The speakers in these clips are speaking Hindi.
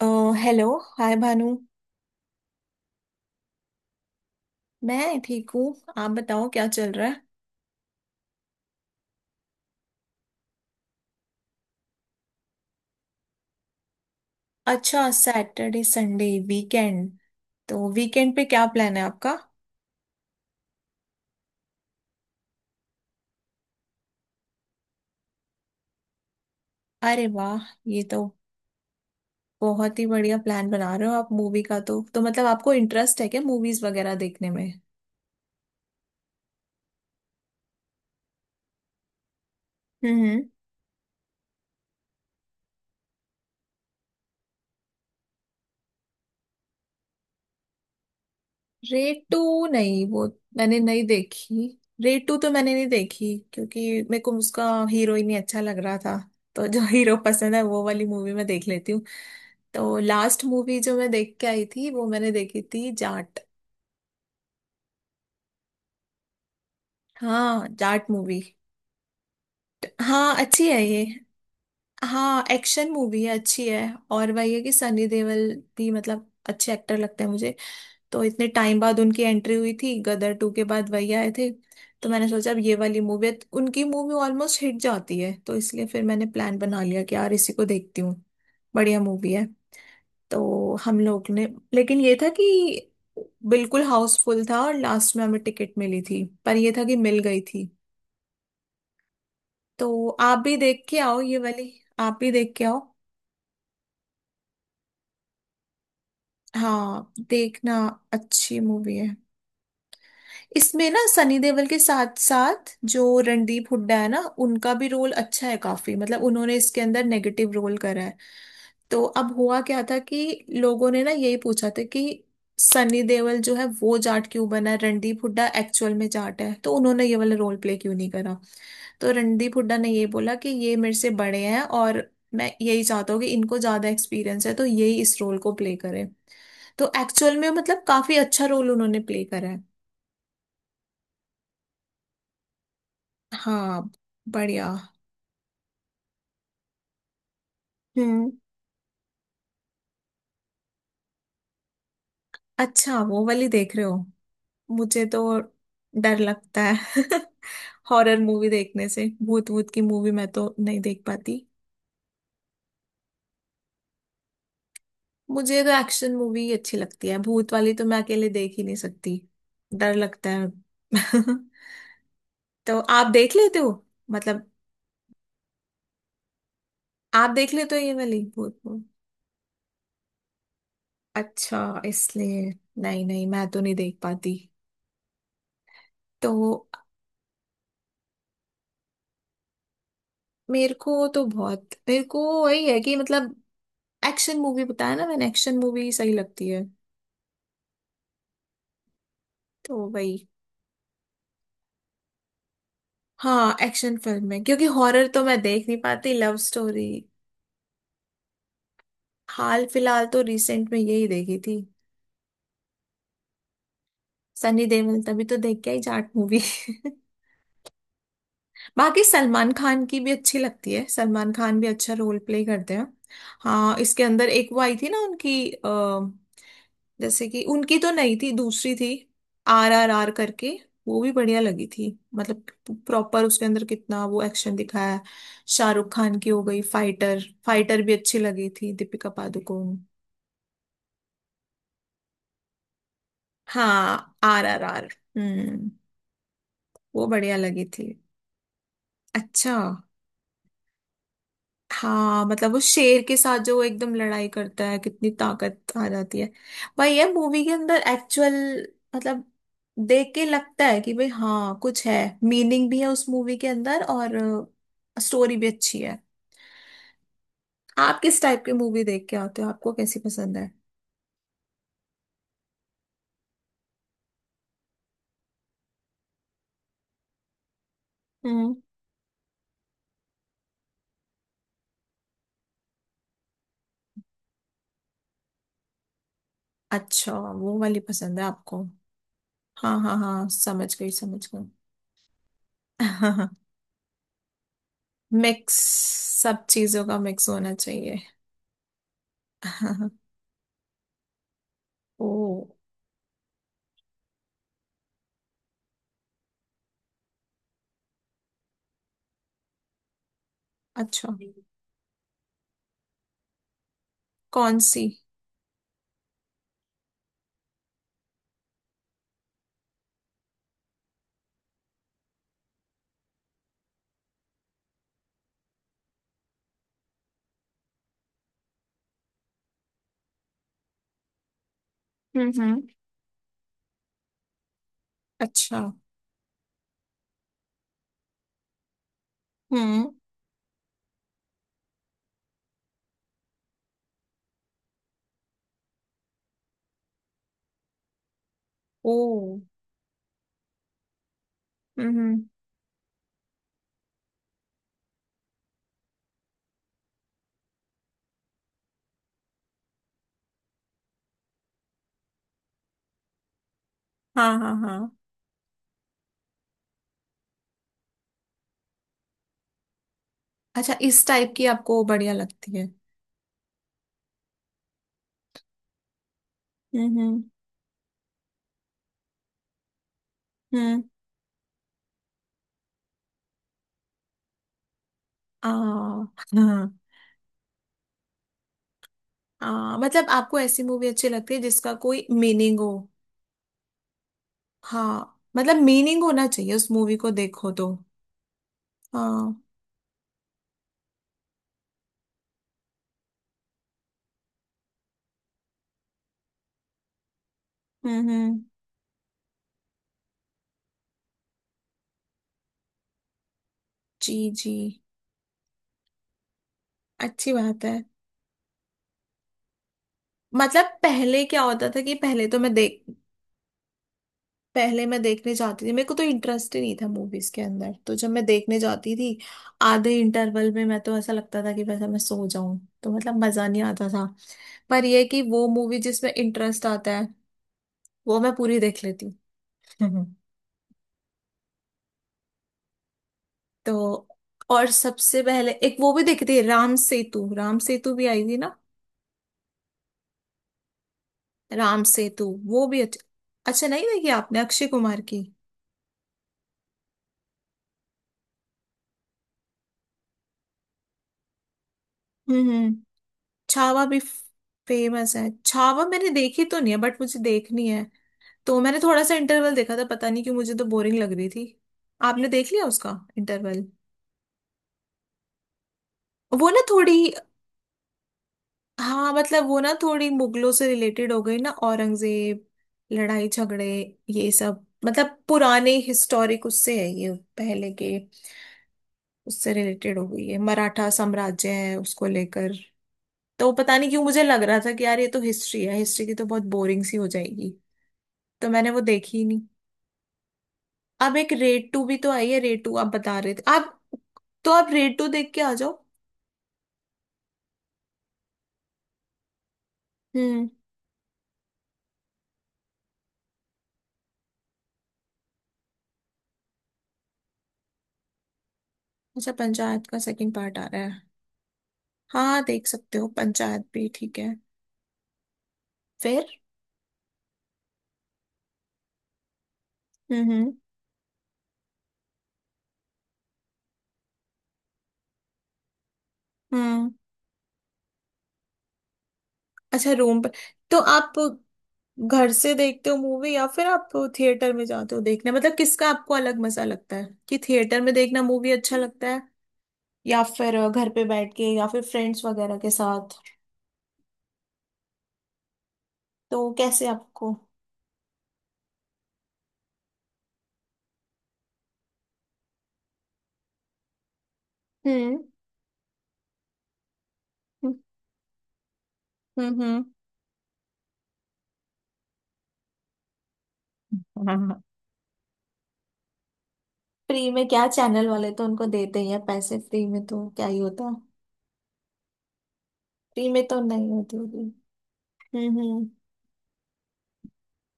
अ, हेलो। हाय भानु। मैं ठीक हूँ। आप बताओ क्या चल रहा है? अच्छा सैटरडे संडे वीकेंड। तो वीकेंड पे क्या प्लान है आपका? अरे वाह, ये तो बहुत ही बढ़िया प्लान बना रहे हो आप मूवी का। तो मतलब आपको इंटरेस्ट है क्या मूवीज वगैरह देखने में? हम्म। रेटू नहीं वो, मैंने नहीं देखी। रेटू तो मैंने नहीं देखी क्योंकि मेरे को उसका हीरो ही नहीं अच्छा लग रहा था। तो जो हीरो पसंद है वो वाली मूवी मैं देख लेती हूँ। तो लास्ट मूवी जो मैं देख के आई थी वो मैंने देखी थी जाट। हाँ जाट मूवी। हाँ अच्छी है ये। हाँ एक्शन मूवी है अच्छी है। और वही है कि सनी देओल भी मतलब अच्छे एक्टर लगते हैं मुझे। तो इतने टाइम बाद उनकी एंट्री हुई थी, गदर टू के बाद वही आए थे। तो मैंने सोचा अब ये वाली मूवी, उनकी मूवी ऑलमोस्ट हिट जाती है तो इसलिए फिर मैंने प्लान बना लिया कि यार इसी को देखती हूँ। बढ़िया मूवी है। तो हम लोग ने, लेकिन ये था कि बिल्कुल हाउसफुल था और लास्ट में हमें टिकट मिली थी, पर ये था कि मिल गई थी। तो आप भी देख के आओ ये वाली। आप भी देख के आओ। हाँ देखना। अच्छी मूवी है। इसमें ना सनी देओल के साथ साथ जो रणदीप हुड्डा है ना, उनका भी रोल अच्छा है काफी, मतलब उन्होंने इसके अंदर नेगेटिव रोल करा है। तो अब हुआ क्या था कि लोगों ने ना यही पूछा था कि सनी देओल जो है वो जाट क्यों बना है, रणदीप हुड्डा एक्चुअल में जाट है तो उन्होंने ये वाला रोल प्ले क्यों नहीं करा। तो रणदीप हुड्डा ने ये बोला कि ये मेरे से बड़े हैं और मैं यही चाहता हूँ कि इनको ज्यादा एक्सपीरियंस है तो यही इस रोल को प्ले करें। तो एक्चुअल में मतलब काफी अच्छा रोल उन्होंने प्ले करा है। हाँ। बढ़िया। हम्म। अच्छा वो वाली देख रहे हो? मुझे तो डर लगता है। हॉरर मूवी देखने से भूत भूत की मूवी मैं तो नहीं देख पाती। मुझे तो एक्शन मूवी ही अच्छी लगती है, भूत वाली तो मैं अकेले देख ही नहीं सकती। डर लगता है। तो आप देख लेते हो? मतलब आप देख लेते हो ये वाली भूत भूत? अच्छा इसलिए। नहीं नहीं, मैं तो नहीं देख पाती। तो मेरे को तो बहुत, मेरे को वही है कि मतलब एक्शन मूवी बताया ना मैंने, एक्शन मूवी सही लगती है। तो वही। हाँ एक्शन फिल्म है क्योंकि हॉरर तो मैं देख नहीं पाती, लव स्टोरी। हाल फिलहाल तो रिसेंट में यही देखी थी। सनी देओल, तभी तो देख के आई जाट मूवी। बाकी सलमान खान की भी अच्छी लगती है, सलमान खान भी अच्छा रोल प्ले करते हैं। हाँ इसके अंदर एक वो आई थी ना उनकी, जैसे कि उनकी तो नहीं थी, दूसरी थी। आर आर आर करके, वो भी बढ़िया लगी थी। मतलब प्रॉपर उसके अंदर कितना वो एक्शन दिखाया है। शाहरुख खान की हो गई फाइटर। फाइटर भी अच्छी लगी थी, दीपिका पादुकोण। हाँ आर आर आर। हम्म। वो बढ़िया लगी थी। अच्छा। हाँ मतलब वो शेर के साथ जो वो एकदम लड़ाई करता है, कितनी ताकत आ जाती है। भाई ये मूवी के अंदर एक्चुअल मतलब देख के लगता है कि भाई हाँ कुछ है, मीनिंग भी है उस मूवी के अंदर, और स्टोरी भी अच्छी है। आप किस टाइप की मूवी देख के आते हो, आपको कैसी पसंद है? हम्म। अच्छा वो वाली पसंद है आपको? हाँ हाँ हाँ, समझ गई समझ गई। मिक्स। सब चीजों का मिक्स होना चाहिए। ओ। अच्छा। कौन सी? हम्म। अच्छा। हम्म। ओ। हम्म। हाँ हाँ हाँ। अच्छा इस टाइप की आपको बढ़िया लगती है? हम्म। हम्म। आ। हाँ। आ मतलब आपको ऐसी मूवी अच्छी लगती है जिसका कोई मीनिंग हो? हाँ मतलब मीनिंग होना चाहिए उस मूवी को, देखो तो। हाँ। हम्म। जी जी। अच्छी बात है। मतलब पहले क्या होता था कि पहले तो मैं देख, पहले मैं देखने जाती थी, मेरे को तो इंटरेस्ट ही नहीं था मूवीज के अंदर, तो जब मैं देखने जाती थी आधे इंटरवल में मैं तो, ऐसा लगता था कि वैसा मैं सो जाऊं। तो मतलब मजा नहीं आता था। पर ये है कि वो मूवी जिसमें इंटरेस्ट आता है वो मैं पूरी देख लेती हूँ। तो और सबसे पहले एक वो भी देखी थी राम सेतु, राम सेतु भी आई थी ना। राम सेतु वो भी अच्छा। अच्छा नहीं देखी आपने, अक्षय कुमार की? हम्म। छावा भी। फेमस है छावा, मैंने देखी तो नहीं है बट मुझे देखनी है। तो मैंने थोड़ा सा इंटरवल देखा था, पता नहीं क्यों मुझे तो बोरिंग लग रही थी। आपने देख लिया उसका इंटरवल? वो ना थोड़ी। हाँ मतलब वो ना थोड़ी मुगलों से रिलेटेड हो गई ना, औरंगजेब, लड़ाई झगड़े, ये सब मतलब पुराने हिस्टोरिक उससे है ये, पहले के उससे रिलेटेड हो गई है, मराठा साम्राज्य है उसको लेकर। तो पता नहीं क्यों मुझे लग रहा था कि यार ये तो हिस्ट्री है, हिस्ट्री की तो बहुत बोरिंग सी हो जाएगी। तो मैंने वो देखी ही। अब एक रेड टू भी तो आई है, रेड टू आप बता रहे थे आप, तो आप रेड टू देख के आ जाओ। हम्म। अच्छा पंचायत का सेकंड पार्ट आ रहा है? हाँ देख सकते हो, पंचायत भी ठीक है फिर। हम्म। हम्म। अच्छा रूम पर। तो आप घर से देखते हो मूवी या फिर आप थिएटर में जाते हो देखने? मतलब किसका आपको अलग मजा लगता है? कि थिएटर में देखना मूवी अच्छा लगता है, या फिर घर पे बैठ के, या फिर फ्रेंड्स वगैरह के साथ? तो कैसे आपको? हम्म हम्म। हम्म। हम्म। फ्री में क्या, चैनल वाले तो उनको देते ही हैं पैसे, फ्री में तो क्या ही होता। फ्री में तो नहीं होती होगी। हम्म।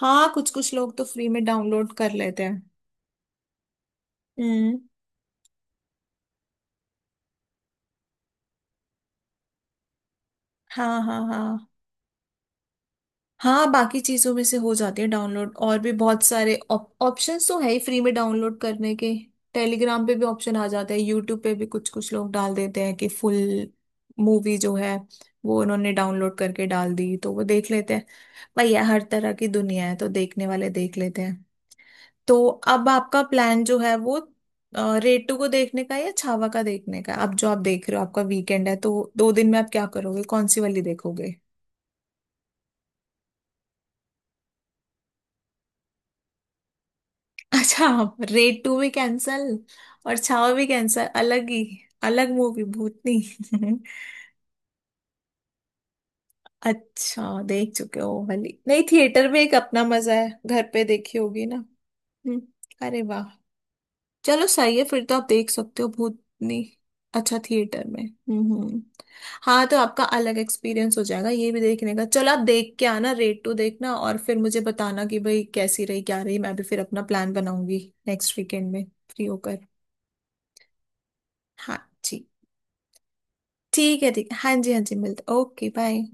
हाँ कुछ कुछ लोग तो फ्री में डाउनलोड कर लेते हैं। हम्म। हाँ हाँ हाँ। हाँ बाकी चीजों में से हो जाती है डाउनलोड, और भी बहुत सारे ऑप्शंस तो है ही फ्री में डाउनलोड करने के। टेलीग्राम पे भी ऑप्शन आ जाते हैं, यूट्यूब पे भी कुछ कुछ लोग डाल देते हैं कि फुल मूवी जो है वो उन्होंने डाउनलोड करके डाल दी, तो वो देख लेते हैं। भैया हर तरह की दुनिया है तो देखने वाले देख लेते हैं। तो अब आपका प्लान जो है वो, रेटू को देखने का है या छावा का देखने का है? अब जो आप देख रहे हो, आपका वीकेंड है, तो 2 दिन में आप क्या करोगे, कौन सी वाली देखोगे? अच्छा आप रेटू भी कैंसल और छावा भी कैंसल, अलग ही अलग मूवी भूतनी। अच्छा देख चुके हो वो वाली? नहीं, थिएटर में एक अपना मजा है, घर पे देखी होगी ना। हम्म, अरे वाह, चलो सही है फिर, तो आप देख सकते हो भूतनी। अच्छा थिएटर में। हम्म। हाँ तो आपका अलग एक्सपीरियंस हो जाएगा ये भी देखने का, चलो आप देख के आना, रेट टू देखना और फिर मुझे बताना कि भाई कैसी रही क्या रही, मैं भी फिर अपना प्लान बनाऊंगी नेक्स्ट वीकेंड में, फ्री होकर। हाँ जी। ठीक है ठीक है, हाँ जी हाँ जी, मिलते, ओके बाय।